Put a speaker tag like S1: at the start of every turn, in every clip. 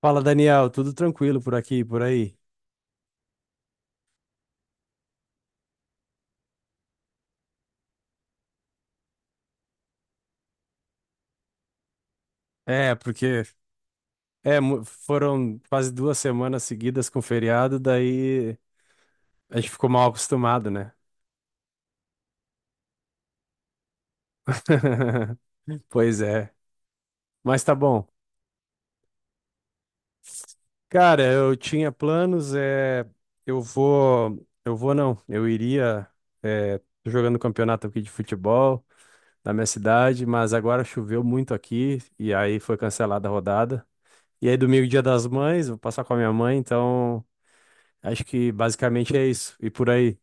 S1: Fala, Daniel, tudo tranquilo por aqui, e por aí? É, porque Foram quase duas semanas seguidas com feriado, daí a gente ficou mal acostumado, né? Pois é, mas tá bom. Cara, eu tinha planos, é, eu vou não, eu iria, é, tô jogando campeonato aqui de futebol na minha cidade, mas agora choveu muito aqui e aí foi cancelada a rodada. E aí domingo, dia das mães, vou passar com a minha mãe, então acho que basicamente é isso. E por aí.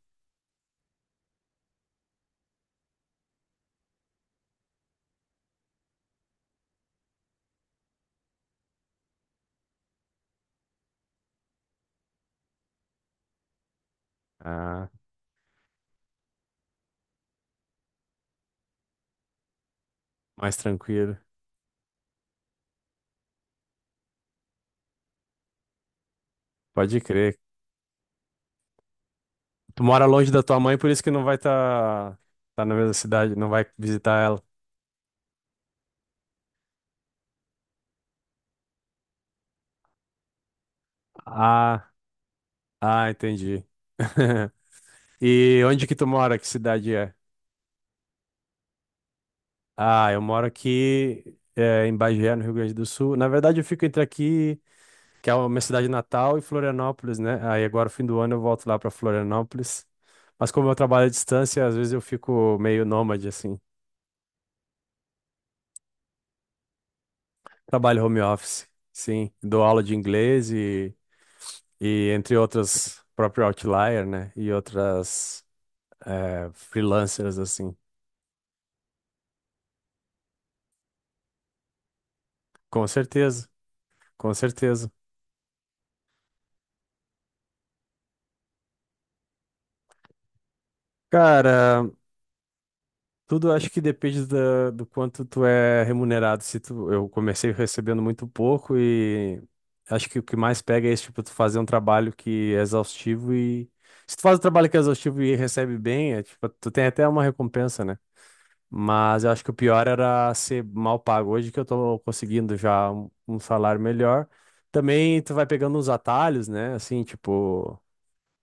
S1: Ah, mais tranquilo. Pode crer. Tu mora longe da tua mãe, por isso que não vai tá na mesma cidade, não vai visitar ela. Ah, ah, entendi. E onde que tu mora? Que cidade é? Ah, eu moro aqui é, em Bagé, no Rio Grande do Sul. Na verdade, eu fico entre aqui, que é a minha cidade natal, e Florianópolis, né? Aí agora, fim do ano, eu volto lá para Florianópolis. Mas como eu trabalho à distância, às vezes eu fico meio nômade, assim. Trabalho home office, sim. Dou aula de inglês e entre outras, próprio Outlier, né? E outras freelancers, assim. Com certeza, com certeza. Cara, tudo acho que depende da, do quanto tu é remunerado. Se tu, eu comecei recebendo muito pouco e acho que o que mais pega é esse tipo, tu fazer um trabalho que é exaustivo e... Se tu faz um trabalho que é exaustivo e recebe bem, é, tipo, tu tem até uma recompensa, né? Mas eu acho que o pior era ser mal pago. Hoje que eu tô conseguindo já um salário melhor. Também tu vai pegando uns atalhos, né? Assim, tipo,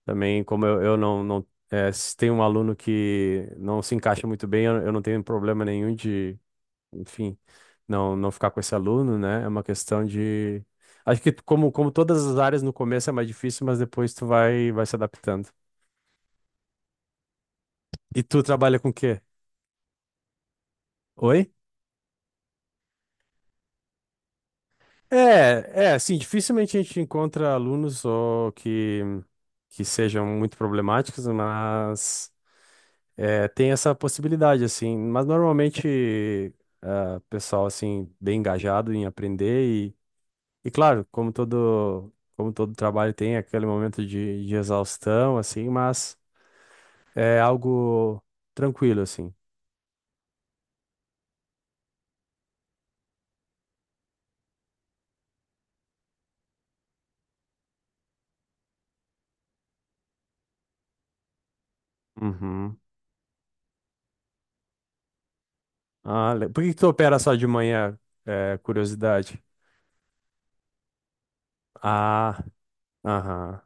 S1: também como eu, não é, se tem um aluno que não se encaixa muito bem, eu não tenho problema nenhum de, enfim, não ficar com esse aluno, né? É uma questão de. Acho que como todas as áreas no começo é mais difícil, mas depois vai se adaptando. E tu trabalha com o quê? Oi? É, assim, dificilmente a gente encontra alunos que sejam muito problemáticos, mas é, tem essa possibilidade, assim. Mas normalmente, ah, pessoal, assim, bem engajado em aprender e claro, como todo trabalho tem aquele momento de exaustão, assim, mas é algo tranquilo, assim. Uhum. Ah, por que que tu opera só de manhã? É, curiosidade. Ah, aham,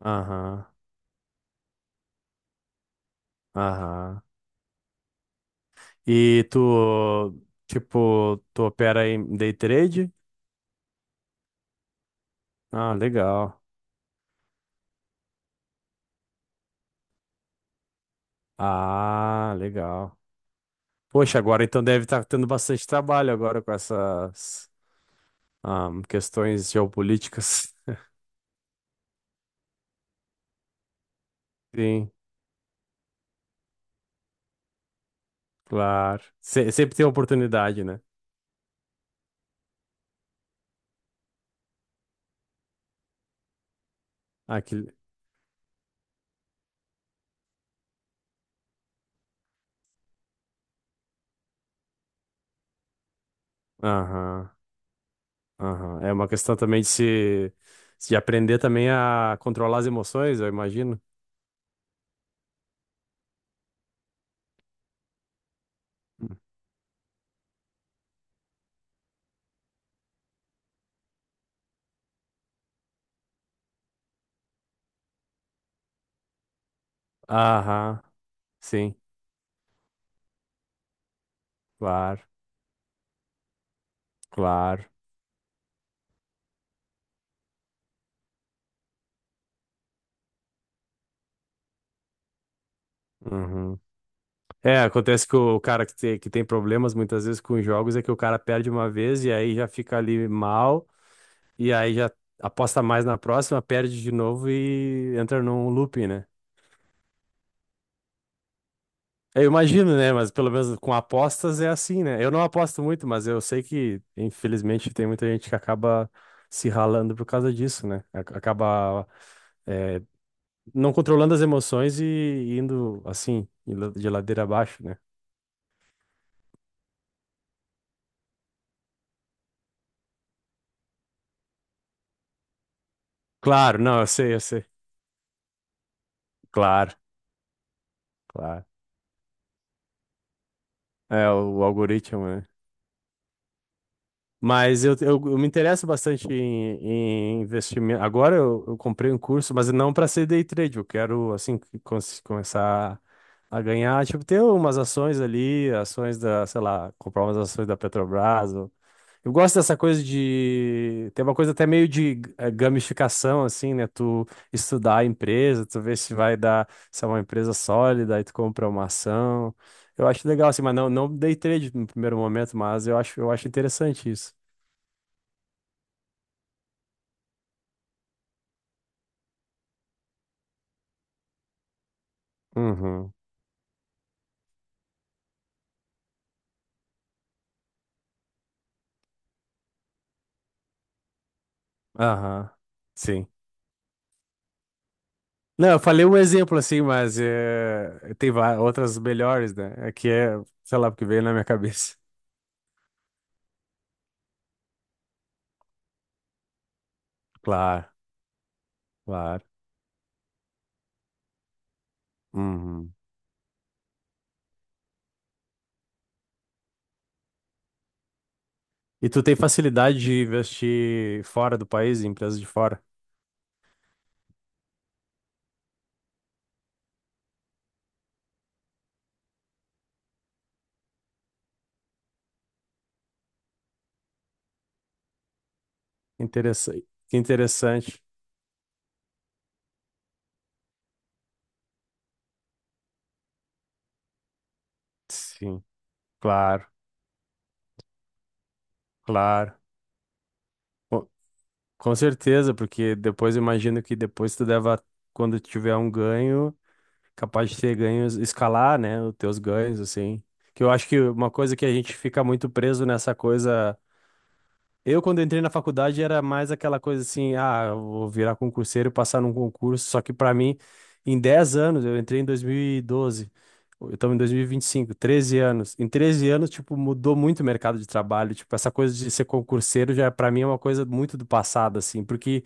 S1: aham. Aham. E tu, tipo, tu opera em day trade? Ah, legal. Ah, legal. Poxa, agora então deve estar tendo bastante trabalho agora com essas questões geopolíticas. Sim, claro. Sempre tem oportunidade, né? Aquele... Aham, aham. É uma questão também de se, de aprender também a controlar as emoções, eu imagino. Hum. Aham, sim, claro, claro. Uhum. É, acontece que o cara que tem problemas muitas vezes com jogos é que o cara perde uma vez e aí já fica ali mal, e aí já aposta mais na próxima, perde de novo e entra num looping, né? Eu imagino, né? Mas pelo menos com apostas é assim, né? Eu não aposto muito, mas eu sei que, infelizmente, tem muita gente que acaba se ralando por causa disso, né? Acaba, é, não controlando as emoções e indo assim, de ladeira abaixo, né? Claro, não, eu sei, eu sei. Claro, claro. É, o algoritmo, né? Mas eu me interesso bastante em, em investimento. Agora eu comprei um curso, mas não para ser day trade. Eu quero, assim, começar a ganhar, tipo, ter umas ações ali, ações da, sei lá, comprar umas ações da Petrobras, eu gosto dessa coisa de. Tem uma coisa até meio de gamificação, assim, né? Tu estudar a empresa, tu ver se vai dar, se é uma empresa sólida, aí tu compra uma ação. Eu acho legal, assim, mas não dei trade no primeiro momento, mas eu acho interessante isso. Uhum. Aham. Sim. Não, eu falei um exemplo assim, mas eh, outras melhores, né? É que é, sei lá, porque veio na minha cabeça. Claro, claro. Uhum. E tu tem facilidade de investir fora do país, em empresas de fora? Interessante. Que interessante. Sim, claro, claro. Com, com certeza, porque depois eu imagino que depois tu deva, quando tiver um ganho, capaz de ter ganhos, escalar, né, os teus ganhos, assim. Que eu acho que uma coisa que a gente fica muito preso nessa coisa. Eu, quando entrei na faculdade, era mais aquela coisa assim, ah, eu vou virar concurseiro, passar num concurso, só que para mim, em 10 anos, eu entrei em 2012, eu estamos em 2025, 13 anos. Em 13 anos, tipo, mudou muito o mercado de trabalho, tipo, essa coisa de ser concurseiro já para mim é uma coisa muito do passado, assim, porque,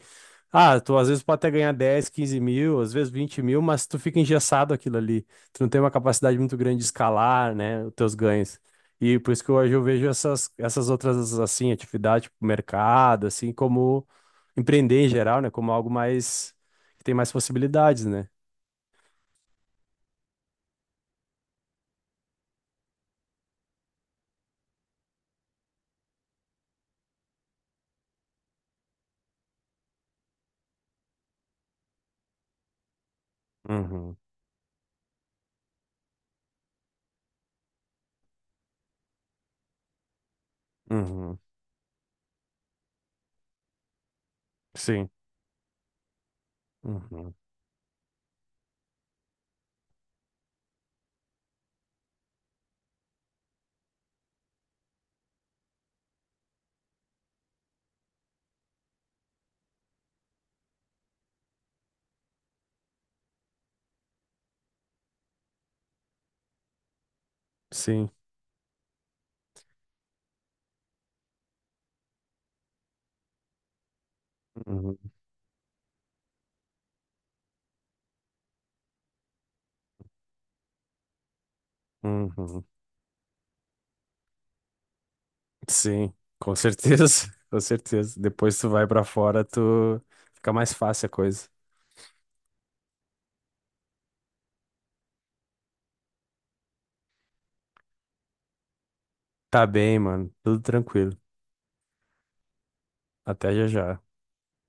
S1: ah, tu às vezes pode até ganhar 10, 15 mil, às vezes 20 mil, mas tu fica engessado aquilo ali, tu não tem uma capacidade muito grande de escalar, né, os teus ganhos. E por isso que hoje eu vejo essas outras, assim, atividades, tipo mercado, assim, como empreender em geral, né? Como algo mais, que tem mais possibilidades, né? Uhum, uhum, sim, uhum, sim, uhum, uhum, sim, com certeza, com certeza. Depois tu vai pra fora, tu fica mais fácil a coisa. Tá bem, mano, tudo tranquilo. Até já já.